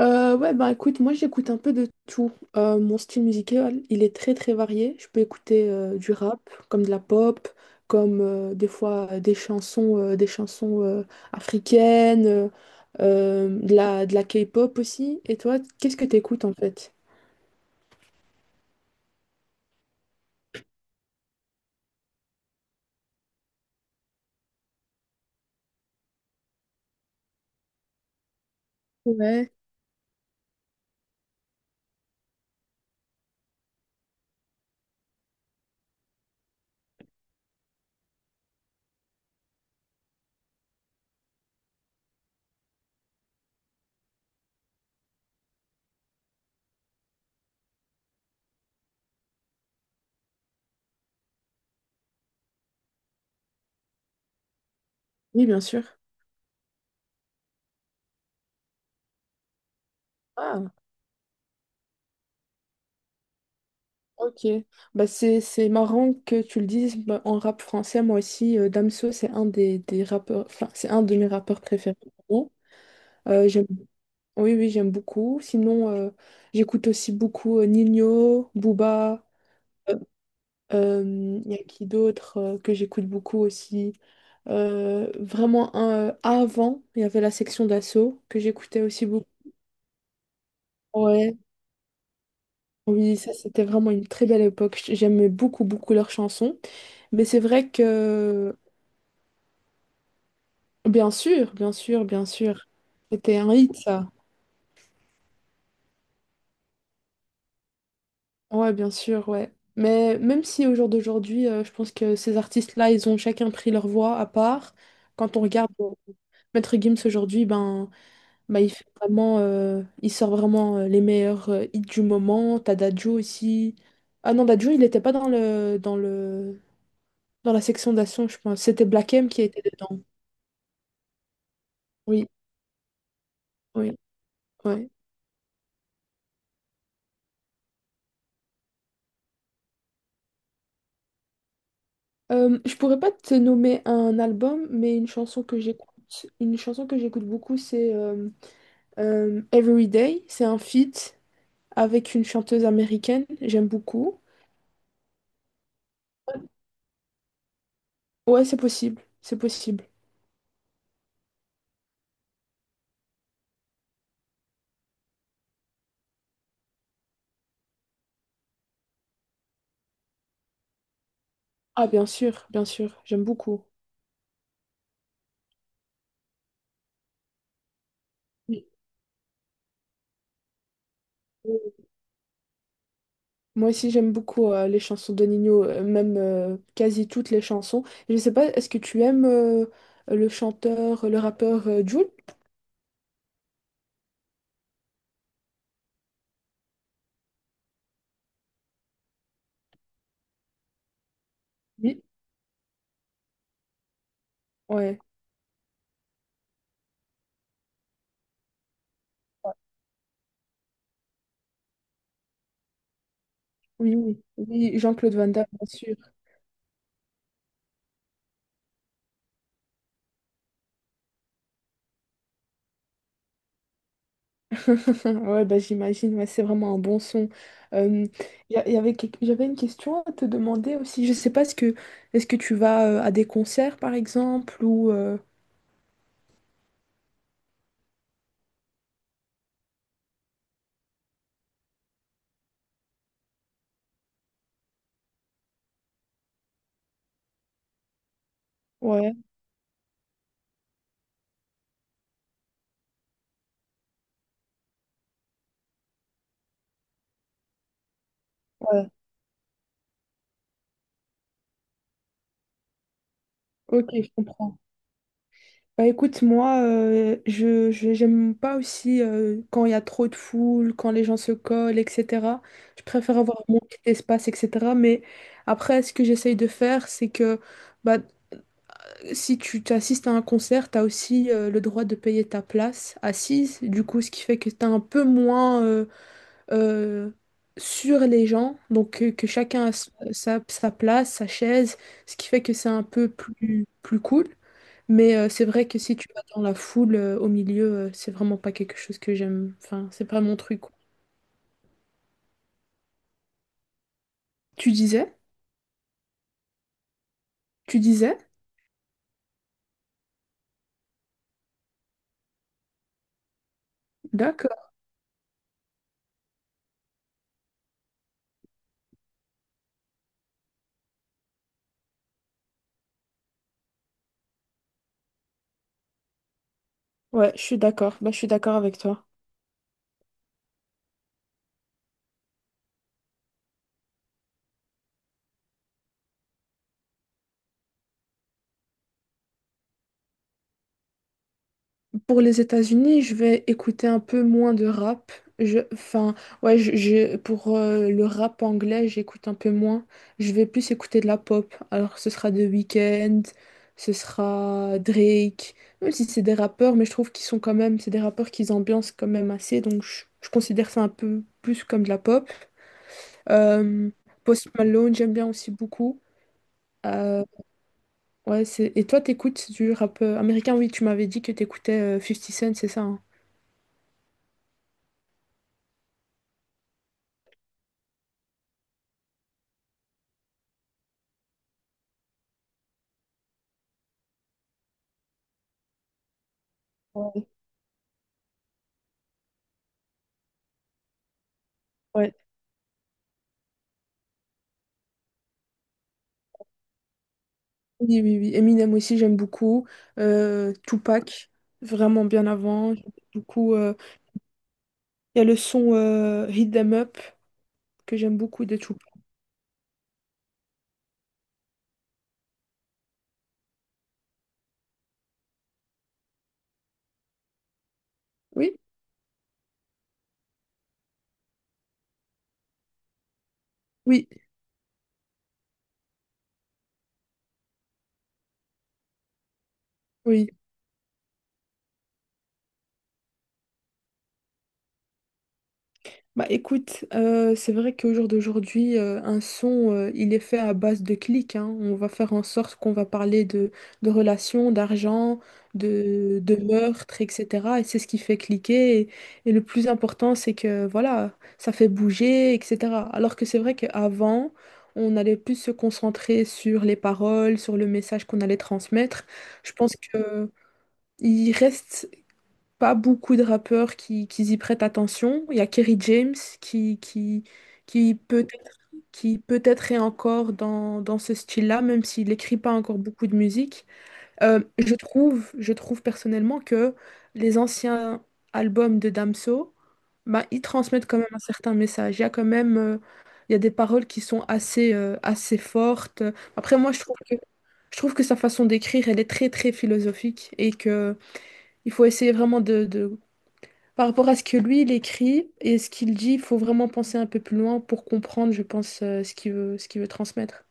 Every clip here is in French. Ouais, bah écoute, moi j'écoute un peu de tout. Mon style musical, il est très très varié. Je peux écouter du rap, comme de la pop, comme des fois des chansons africaines, de la K-pop aussi. Et toi, qu'est-ce que t'écoutes en fait? Ouais. Oui, bien sûr. Ah, ok. Bah, c'est marrant que tu le dises. Bah, en rap français, moi aussi, Damso, c'est un des rappeurs, enfin, c'est un de mes rappeurs préférés. J'aime Oui, oui, j'aime beaucoup. Sinon, j'écoute aussi beaucoup Ninho, Booba. euh, Il y a qui d'autre que j'écoute beaucoup aussi. Vraiment, avant, il y avait la section d'assaut que j'écoutais aussi beaucoup. Ouais, oui, ça c'était vraiment une très belle époque. J'aimais beaucoup, beaucoup leurs chansons. Mais c'est vrai que, bien sûr, bien sûr, bien sûr, c'était un hit, ça. Ouais, bien sûr, ouais. Mais même si au jour d'aujourd'hui, je pense que ces artistes-là, ils ont chacun pris leur voix à part. Quand on regarde Maître Gims aujourd'hui, ben, il fait vraiment, il sort vraiment les meilleurs hits du moment. T'as Dadju aussi. Ah non, Dadju, il n'était pas dans la section d'action, je pense. C'était Black M qui était dedans. Oui, oui, ouais. Je pourrais pas te nommer un album, mais une chanson que j'écoute beaucoup, c'est Everyday, c'est un feat avec une chanteuse américaine, j'aime beaucoup. Ouais, c'est possible. Ah, bien sûr, j'aime beaucoup. Oui. Moi aussi, j'aime beaucoup les chansons de Nino, même quasi toutes les chansons. Je sais pas, est-ce que tu aimes le chanteur, le rappeur Jul? Oui. Ouais, oui, oui, oui, Jean-Claude Van Damme, bien sûr. Ouais, bah, j'imagine, ouais, c'est vraiment un bon son. Euh, y a- y avait, quelque- j'avais une question à te demander aussi. Je sais pas, est-ce que tu vas à des concerts, par exemple, ou... Ouais, ouais. Ok, je comprends. Bah écoute, moi, j'aime pas aussi quand il y a trop de foule, quand les gens se collent, etc. Je préfère avoir mon petit espace, etc. Mais après, ce que j'essaye de faire, c'est que... bah, si tu t'assistes à un concert, tu as aussi le droit de payer ta place assise, du coup, ce qui fait que tu es un peu moins euh, sur les gens, donc que chacun a sa place, sa chaise, ce qui fait que c'est un peu plus cool. Mais c'est vrai que si tu vas dans la foule au milieu, c'est vraiment pas quelque chose que j'aime. Enfin, c'est pas mon truc, quoi. Tu disais? Tu disais? D'accord. Ouais, je suis d'accord. Bah, je suis d'accord avec toi. Pour les États-Unis, je vais écouter un peu moins de rap. Je, enfin, ouais, pour le rap anglais, j'écoute un peu moins. Je vais plus écouter de la pop. Alors, ce sera The Weeknd, ce sera Drake, même si c'est des rappeurs, mais je trouve qu'ils sont quand même, c'est des rappeurs qui ambiancent quand même assez, donc je considère ça un peu plus comme de la pop. Euh, Post Malone, j'aime bien aussi beaucoup. Euh, ouais, c'est... Et toi, t'écoutes du rap américain? Oui, tu m'avais dit que t'écoutais 50 Cent, c'est ça, hein? Ouais. Oui, oui, oui. Eminem aussi, j'aime beaucoup. Tupac, vraiment bien avant. Beaucoup, euh, Il y a le son Hit 'em Up que j'aime beaucoup de Tupac. Oui, oui, oui. Bah écoute, c'est vrai qu'au jour d'aujourd'hui, un son, il est fait à base de clics, hein. On va faire en sorte qu'on va parler de relations, d'argent, de meurtres, etc. Et c'est ce qui fait cliquer. Et le plus important, c'est que voilà, ça fait bouger, etc. Alors que c'est vrai qu'avant, on allait plus se concentrer sur les paroles, sur le message qu'on allait transmettre. Je pense que il reste pas beaucoup de rappeurs qui y prêtent attention. Il y a Kerry James qui, qui, qui peut-être est encore dans ce style-là, même s'il n'écrit pas encore beaucoup de musique. Je trouve personnellement que les anciens albums de Damso, bah, ils transmettent quand même un certain message. Il y a des paroles qui sont assez, assez fortes. Après, moi, je trouve que sa façon d'écrire, elle est très, très philosophique et que il faut essayer vraiment de par rapport à ce que lui, il écrit et ce qu'il dit, il faut vraiment penser un peu plus loin pour comprendre, je pense, ce qu'il veut transmettre.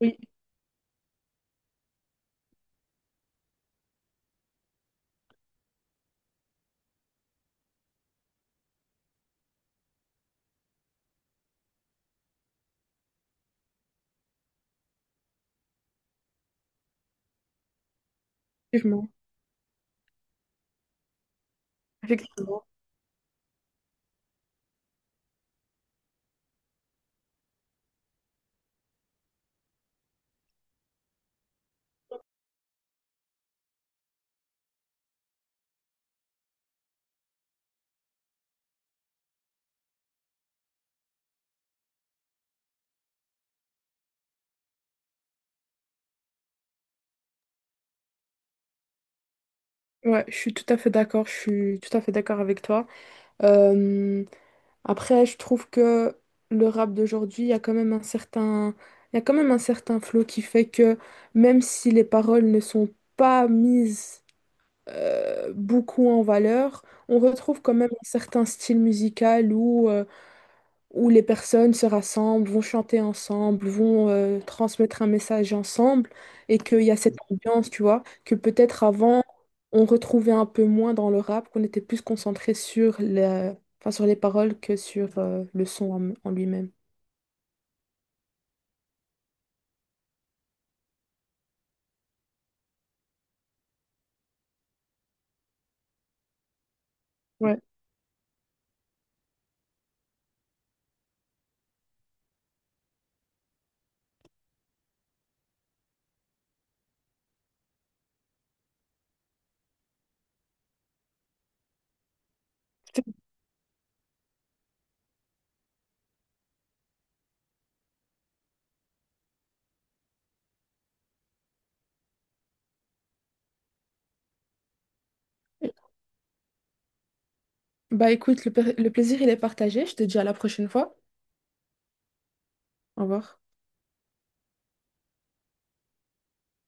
Oui, effectivement. Effectivement. Ouais, je suis tout à fait d'accord, je suis tout à fait d'accord avec toi. Euh, après, je trouve que le rap d'aujourd'hui, il y a quand même un certain flow qui fait que même si les paroles ne sont pas mises beaucoup en valeur, on retrouve quand même un certain style musical où les personnes se rassemblent, vont chanter ensemble, vont transmettre un message ensemble, et qu'il y a cette ambiance, tu vois, que peut-être avant, on retrouvait un peu moins dans le rap, qu'on était plus concentré sur la- enfin, sur les paroles que sur le son en lui-même. Ouais. Bah écoute, le plaisir, il est partagé. Je te dis à la prochaine fois. Au revoir.